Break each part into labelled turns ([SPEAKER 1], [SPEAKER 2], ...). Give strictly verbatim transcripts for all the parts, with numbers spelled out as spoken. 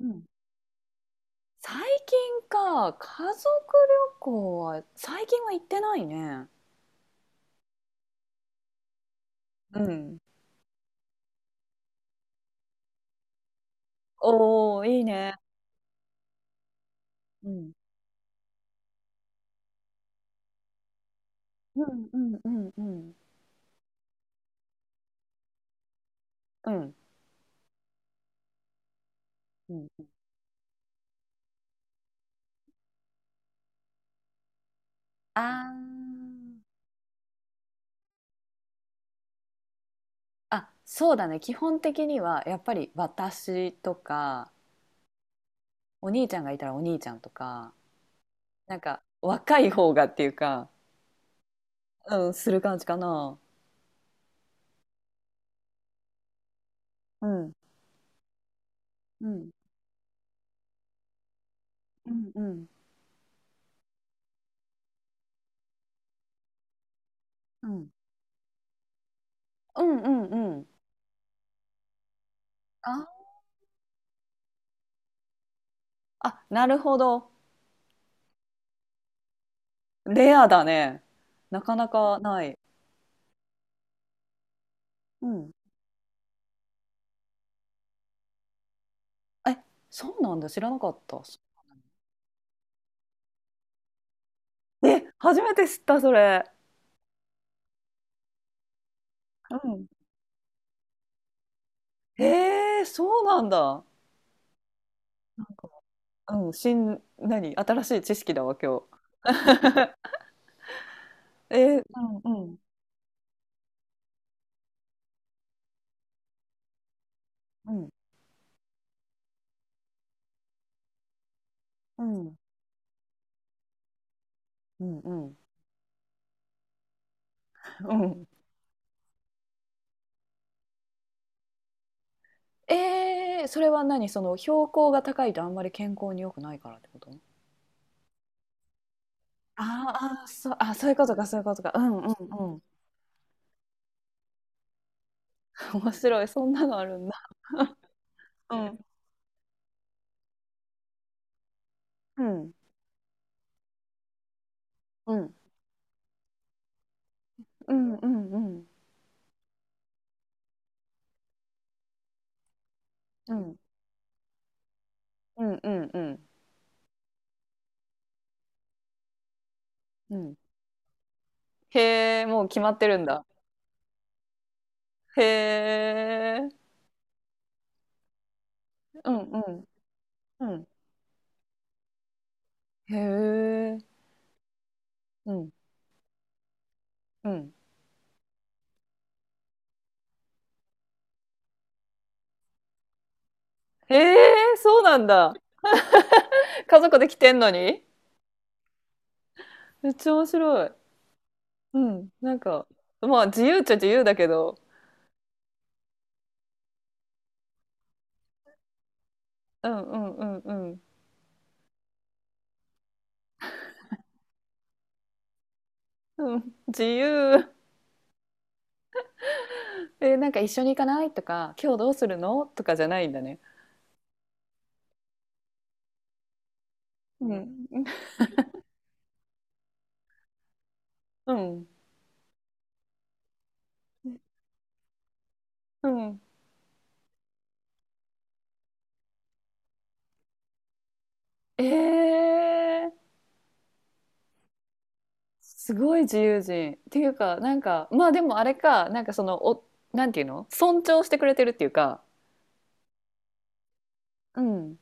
[SPEAKER 1] うん、最近か、家族旅行は、最近は行ってないね。うん。おお、いいね。うん。うんうんうんうん。うん。うん。あーあ、そうだね。基本的には、やっぱり私とか、お兄ちゃんがいたらお兄ちゃんとか、なんか若い方がっていうか、うん、する感じかな。うん。うん。うんうん。うん。うんうんうん。あ、あ、なるほど。レアだね。なかなかない。うん。え、そうなんだ。知らなかった。え、初めて知った、それ。うん。へえ、そうなんだ。なんか、うん、新、何、新しい知識だわ、今日。えー、うんうんうんうんうんうんうん。えー、それは何、その標高が高いとあんまり健康に良くないからってこと、あーあー、そう、あ、そういうことか、そういうことか。うんうんうん。面白い、そんなのあるんだ。うんうんうんうんうんうん。うん。うんうんうん。うん。へえ、もう決まってるんだ。へえ。うんうんうん。へえ。うんうん。へえ、そうなんだ。家族で来てんのに？めっちゃ面白い。うん、なんか、まあ、自由っちゃ自由だけど。うんうんうんうん。うん、自由。え、なんか一緒に行かない？とか、今日どうするの？とかじゃないんだね。うん。うん。うん。ええ。すごい自由人っていうか、なんかまあでもあれか、なんかそのお、なんていうの、尊重してくれてるっていうか、うん、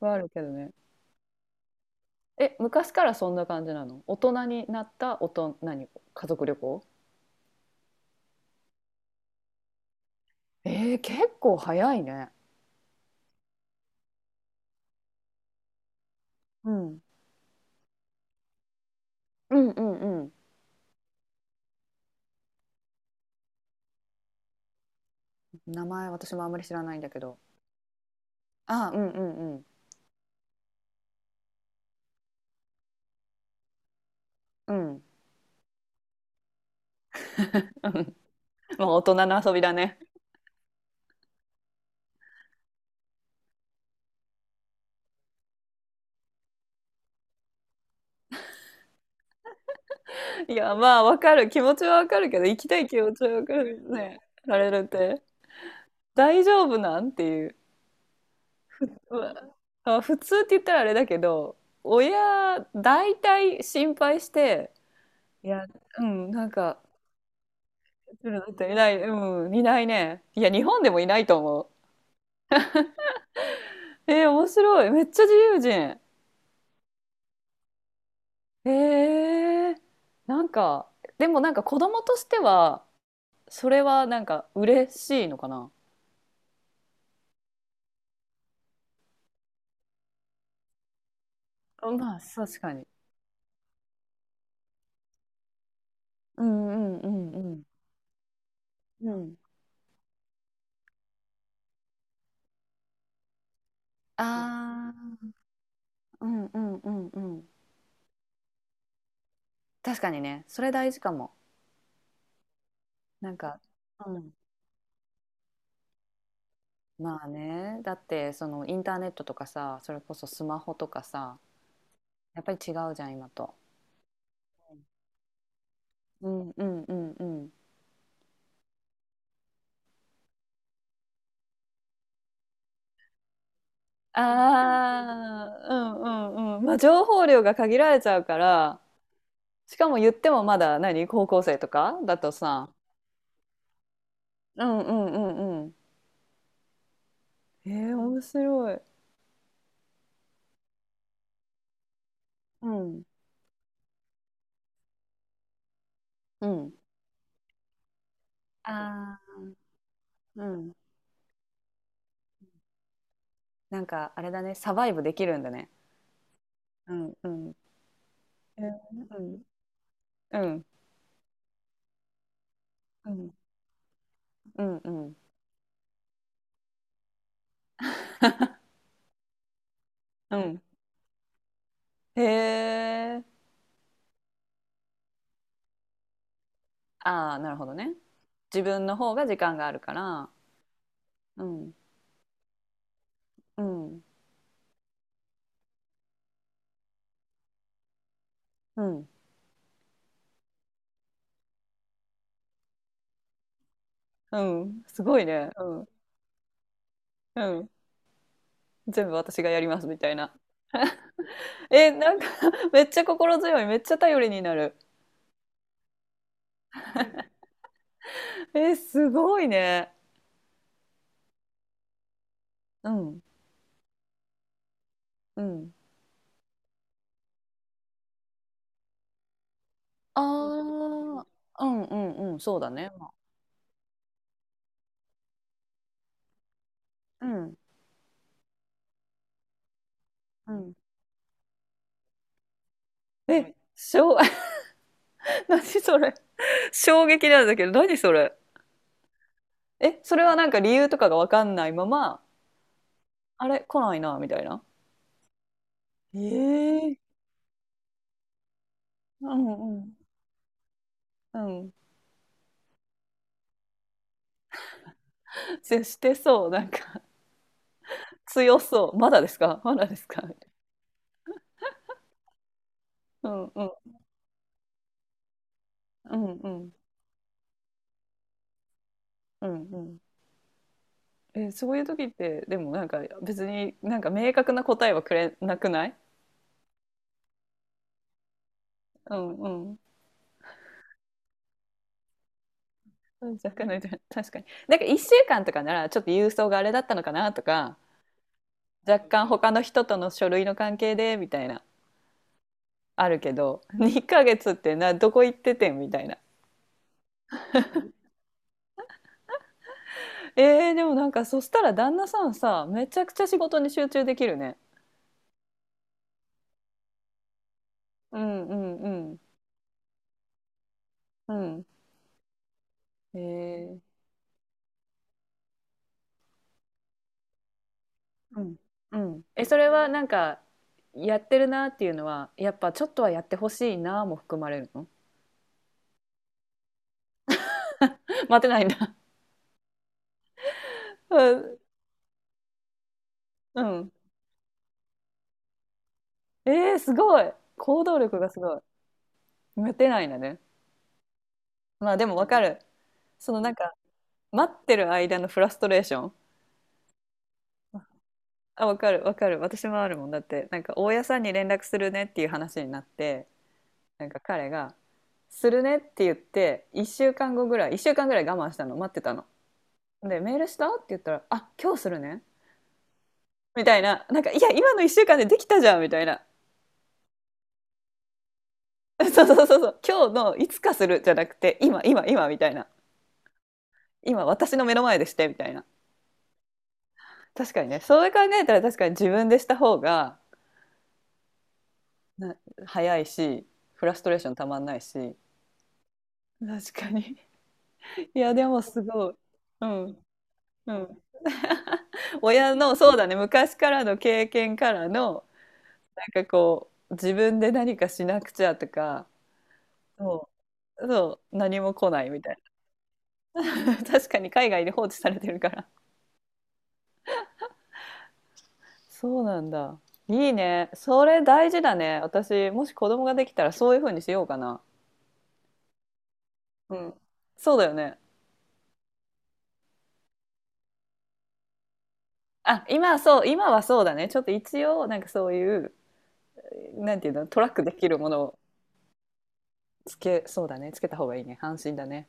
[SPEAKER 1] はあるけどね。え、昔からそんな感じなの？大人になった大人、何、家族旅行。えー、結構早いね、うん、うんうんうん。名前私もあんまり知らないんだけど。あ、うんうんうん。うん、まあ大人の遊びだね。 いや、まあわかる、気持ちはわかるけど。行きたい気持ちはわかるね。ら、 れるって、大丈夫なんっていう。うわ、あ普通って言ったらあれだけど、親大体心配して。いや、うん、なんか、うるだっていない、うん、いないね。いや日本でもいないと思う。えー、面白い、めっちゃ自由人。えー、なんか、でもなんか子供としては、それはなんか嬉しいのかな。あ、まあ確かに。うんうんうんうん。うん。ああー、うんうんうんうん。確かにね、それ大事かも。なんか、うん。まあね、だってそのインターネットとかさ、それこそスマホとかさ、やっぱり違うじゃん、今と。うんうんうんうん。ああ、うんうんうん。まあ情報量が限られちゃうから、しかも言ってもまだ何、高校生とかだとさ、うんうんうんうん。えー、面白い。うん。うん。ああ、うん。なんかあれだね、サバイブできるんだね。うんうん。えーうんうんうんうんうん。へえ。ああ、なるほどね。自分の方が時間があるから、うん、うん、うん、うん、すごいね。うん、うん。全部私がやりますみたいな。え、なんか めっちゃ心強い。めっちゃ頼りになる。え、すごいね。うん、うん。ああ、うんうんうん、そうだね。うん、うん。え、しょう、何それ。衝撃なんだけど、何それ。え、それはなんか理由とかがわかんないまま、あれ、来ないな、みたいな。ええ、うんうん。うん。接してそう。なんか、強そう。まだですか まだですか うんうん。うんうん。うんうん。え、そういう時って、でもなんか別になんか明確な答えはくれなくない？ うんうん。若干の 確かに。なんかいっしゅうかんとかならちょっと郵送があれだったのかなとか、若干他の人との書類の関係でみたいな、あるけど、にかげつってな、どこ行っててんみたいな。えー、でもなんかそしたら旦那さんさ、めちゃくちゃ仕事に集中できるね。うんうんうん。うん。へえ。うん。うん。え、それはなんか、やってるなっていうのは、やっぱちょっとはやってほしいなも含まれるの？ 待てないんだ。うんうん。えー、すごい。行動力がすごい。待てないんだね。まあでもわかる。そのなんか、待ってる間のフラストレーション。あ、わかるわかる。私もあるもん。だって、なんか大家さんに連絡するねっていう話になって、なんか彼が、するねって言って、いっしゅうかんごぐらい、いっしゅうかんぐらい我慢したの、待ってたの。で、メールしたって言ったら、あ、今日するね。みたいな、なんか、いや、今のいっしゅうかんでできたじゃん、みたいな。 そうそうそうそう、今日のいつかするじゃなくて、今、今、今、みたいな。今、私の目の前でして、みたいな。確かにね、そう考えたら確かに自分でした方が早いし、フラストレーションたまんないし。確かに。いや、でもすごい。うん。うん。親の、そうだね、昔からの経験からの、なんかこう、自分で何かしなくちゃとか、そう。そう、何も来ないみたいな。確かに海外で放置されてるから。そうなんだ。いいね。それ大事だね。私、もし子供ができたらそういう風にしようかな。うん。そうだよね。あ、今はそう、今はそうだね。ちょっと一応、なんかそういう、なんていうの、トラックできるものをつけ、そうだね。つけた方がいいね。安心だね。